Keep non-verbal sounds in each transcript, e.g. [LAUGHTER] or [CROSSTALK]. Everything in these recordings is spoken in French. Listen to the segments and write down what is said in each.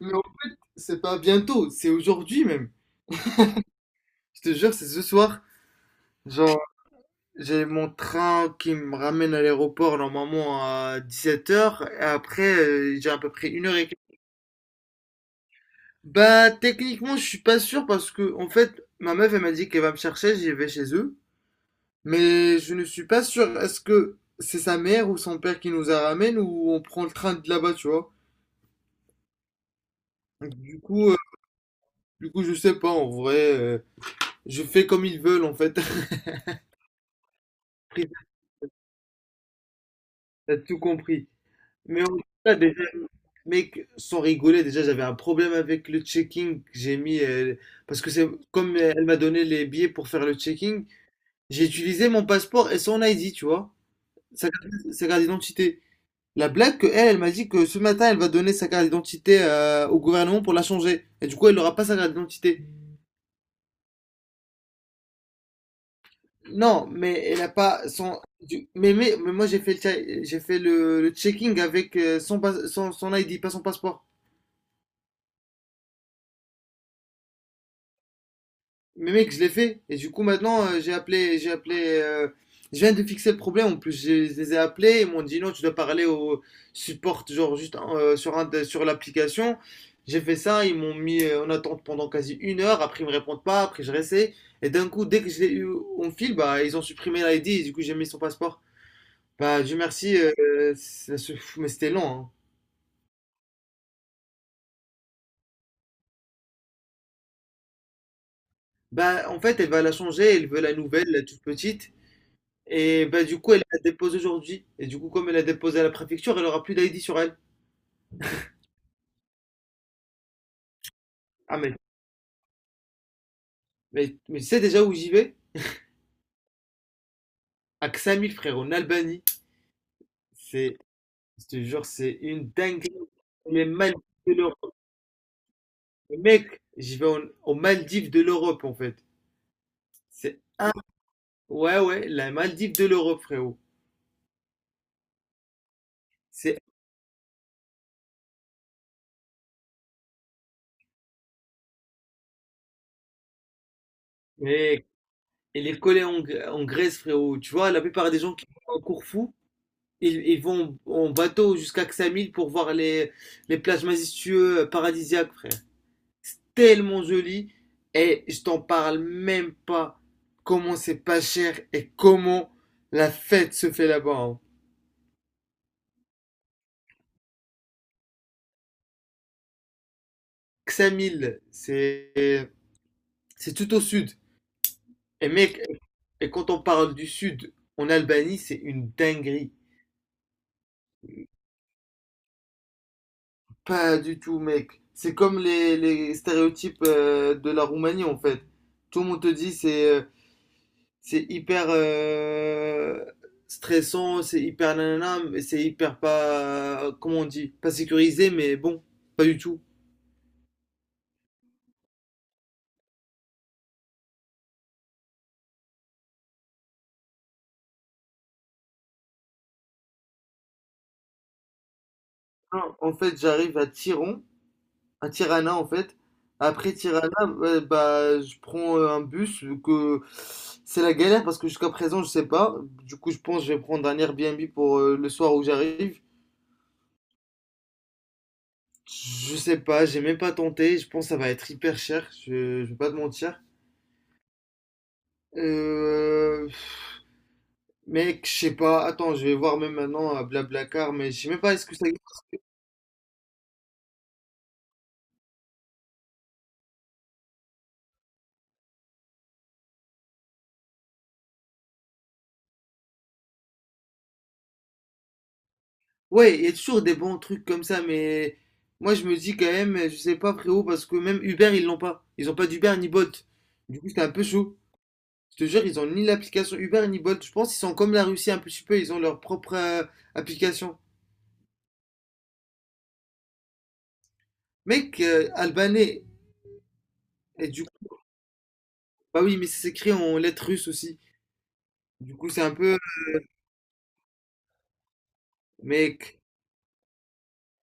Non, c'est pas bientôt, c'est aujourd'hui même. Je te jure, c'est ce soir. Genre, j'ai mon train qui me ramène à l'aéroport normalement à 17h. Et après, j'ai à peu près une heure et quart. Bah, techniquement, je suis pas sûr parce que, en fait, ma meuf, elle m'a dit qu'elle va me chercher, j'y vais chez eux. Mais je ne suis pas sûr. Est-ce que c'est sa mère ou son père qui nous la ramène ou on prend le train de là-bas, tu vois? Donc, Du coup, euh, du coup, je sais pas, en vrai. Je fais comme ils veulent, en fait. [LAUGHS] T'as tout compris. Mais on- Là, déjà, mec, sans rigoler, déjà j'avais un problème avec le checking que j'ai mis. Parce que c'est comme elle m'a donné les billets pour faire le checking, j'ai utilisé mon passeport et son ID, tu vois. Sa carte, sa carte d'identité. La blague que elle, elle m'a dit que ce matin, elle va donner sa carte d'identité au gouvernement pour la changer. Et du coup, elle n'aura pas sa carte d'identité. Non, mais elle a pas Mais moi, j'ai fait j'ai fait le checking avec son ID, pas son passeport. Mais mec, je l'ai fait. Et du coup, maintenant, j'ai appelé. euh, je viens de fixer le problème. En plus, je les ai appelés. Ils m'ont dit non, tu dois parler au support, genre juste hein, sur sur l'application. J'ai fait ça. Ils m'ont mis en attente pendant quasi une heure. Après, ils me répondent pas. Après, je restais. Et d'un coup, dès que je l'ai eu en fil, bah, ils ont supprimé l'ID. Et du coup, j'ai mis son passeport. Bah, Dieu merci. Mais c'était long, hein. Bah, en fait, elle va la changer. Elle veut la nouvelle, la toute petite. Et ben, du coup, elle la dépose aujourd'hui. Et du coup, comme elle a déposé à la préfecture, elle aura plus d'ID sur elle. Ah, mais tu sais déjà où j'y vais? À Ksamil, frère, en Albanie. C'est, je te jure, c'est une dinguerie. Les Maldives de l'Europe. Mec, aux Maldives de l'Europe, en fait. C'est, ouais, ouais, la Maldive de l'Europe, frérot. C'est, mec, elle est collée en Grèce, frérot. Tu vois, la plupart des gens qui vont à Corfou, ils vont en bateau jusqu'à Ksamil pour voir les plages majestueuses paradisiaques, frère. Tellement joli, et je t'en parle même pas comment c'est pas cher et comment la fête se fait là-bas, hein. Ksamil, c'est tout au sud. Et mec, quand on parle du sud en Albanie, c'est une dinguerie. Pas du tout, mec. C'est comme les stéréotypes de la Roumanie en fait. Tout le monde te dit c'est hyper stressant, c'est hyper nanana, mais c'est hyper pas, comment on dit, pas sécurisé, mais bon, pas du tout. Non, en fait, à Tirana en fait. Après Tirana, ouais, bah, je prends un bus, vu que c'est la galère parce que jusqu'à présent, je sais pas. Du coup, je pense que je vais prendre un Airbnb pour le soir où j'arrive. Je sais pas, j'ai même pas tenté. Je pense que ça va être hyper cher, je vais pas te mentir. Euh, Mec, je sais pas. Attends, je vais voir même maintenant à Blablacar, mais je sais même pas est-ce que ça existe. Ouais, il y a toujours des bons trucs comme ça, mais moi je me dis quand même, je sais pas frérot, parce que même Uber ils l'ont pas. Ils ont pas d'Uber ni Bolt. Du coup, c'est un peu chaud. Je te jure, ils ont ni l'application Uber ni Bolt. Je pense qu'ils sont comme la Russie un petit peu, ils ont leur propre application. Mec, albanais. Et du coup, bah oui, mais c'est écrit en lettres russes aussi. Du coup, c'est un peu. Mec,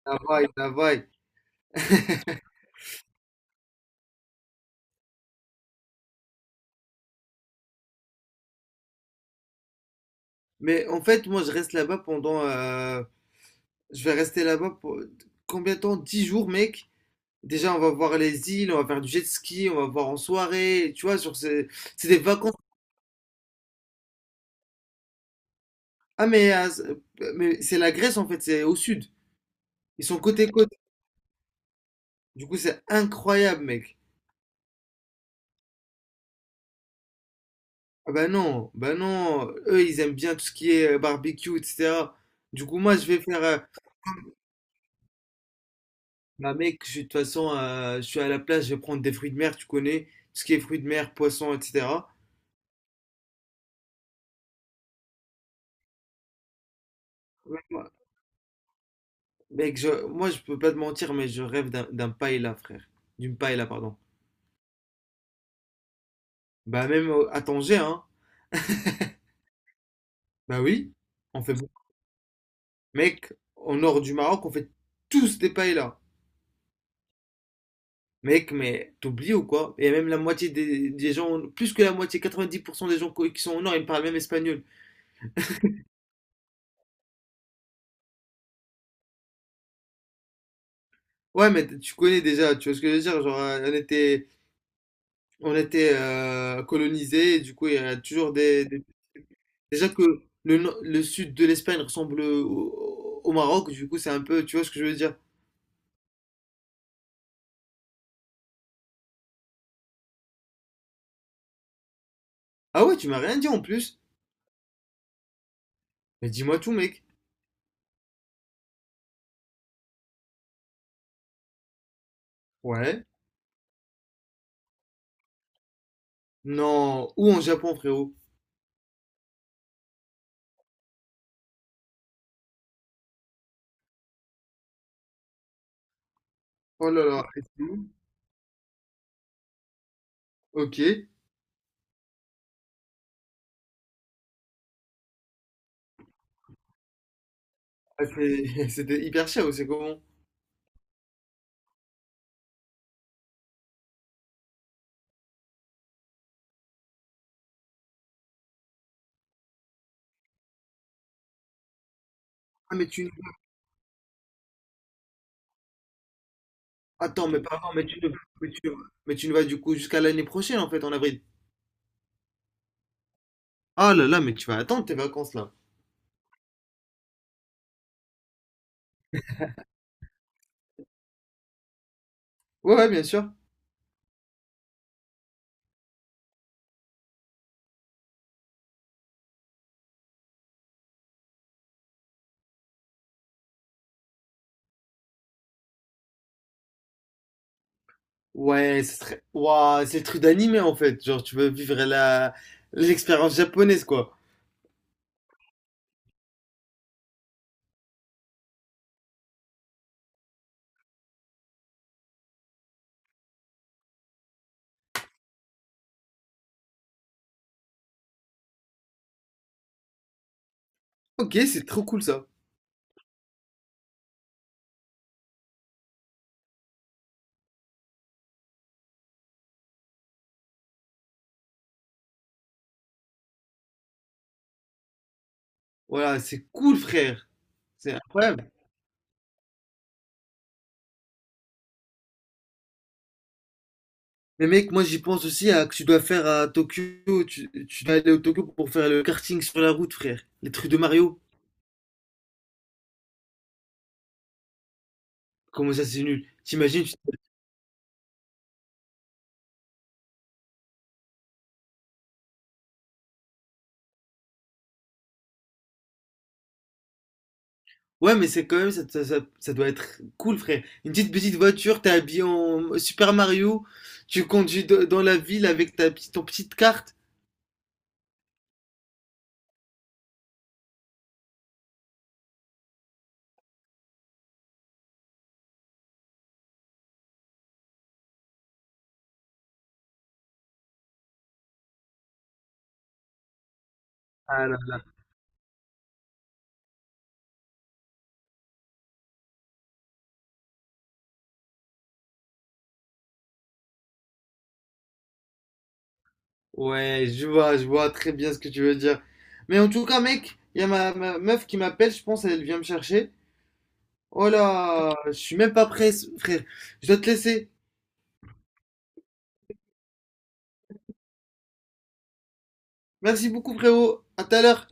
la vaille, la vaille. Mais en fait, moi je reste là-bas pendant Je vais rester là-bas pour combien de temps? 10 jours, mec. Déjà, on va voir les îles, on va faire du jet ski, on va voir en soirée. Tu vois, sur ces... c'est des vacances. Ah, mais, ah, c'est- mais c'est la Grèce en fait, c'est au sud. Ils sont côte à côte. Du coup, c'est incroyable, mec. Ah, bah non, bah non. Eux, ils aiment bien tout ce qui est barbecue, etc. Du coup, moi, je vais faire. Bah, mec, je suis de toute façon, je suis à la plage, je vais prendre des fruits de mer, tu connais. Tout ce qui est fruits de mer, poissons, etc. Mec, moi, je peux pas te mentir, mais je rêve d'un paella, frère. D'une paella, pardon. Bah, même à Tanger, hein. Bah oui, on fait beaucoup. Mec, au nord du Maroc, on fait tous des paellas. Mec, mais t'oublies ou quoi? Et même la moitié des gens, plus que la moitié, 90% des gens qui sont au nord, ils parlent même espagnol. Ouais, mais tu connais déjà, tu vois ce que je veux dire? Genre, on était colonisés, et du coup, il y a toujours [LAUGHS] Déjà que le, no- le sud de l'Espagne ressemble au Maroc, du coup, c'est un peu... Tu vois ce que je veux dire? Ah ouais, tu m'as rien dit en plus? Mais dis-moi tout, mec. Ouais. Non. Où en Japon, frérot? Oh là là. Et c'est où? Ok. [LAUGHS] C'était hyper cher, ou c'est comment? Ah, mais tu... Attends, mais pardon, mais tu ne... Mais tu, mais tu ne vas du coup jusqu'à l'année prochaine, en fait, en avril. Ah là là, mais tu vas attendre tes vacances, là. Ouais, ouais, bien sûr. Ouais. Ouah, c'est le truc d'animé en fait. Genre, tu veux vivre la l'expérience japonaise quoi. Ok, c'est trop cool ça. Voilà, c'est cool frère. C'est incroyable. Mais mec, moi j'y pense aussi à que tu dois faire à Tokyo. Tu dois aller au Tokyo pour faire le karting sur la route, frère. Les trucs de Mario. Comment ça, c'est nul. T'imagines? Ouais, mais c'est quand même ça doit être cool, frère. Une petite petite voiture, t'es habillé en Super Mario. Tu conduis dans la ville avec ta petite ton petite carte. Ah, non. Ouais, je vois très bien ce que tu veux dire. Mais en tout cas, mec, il y a ma meuf qui m'appelle, je pense, elle vient me chercher. Oh là, je suis même pas prêt, frère. Je dois te laisser. Merci beaucoup, frérot. À tout à l'heure.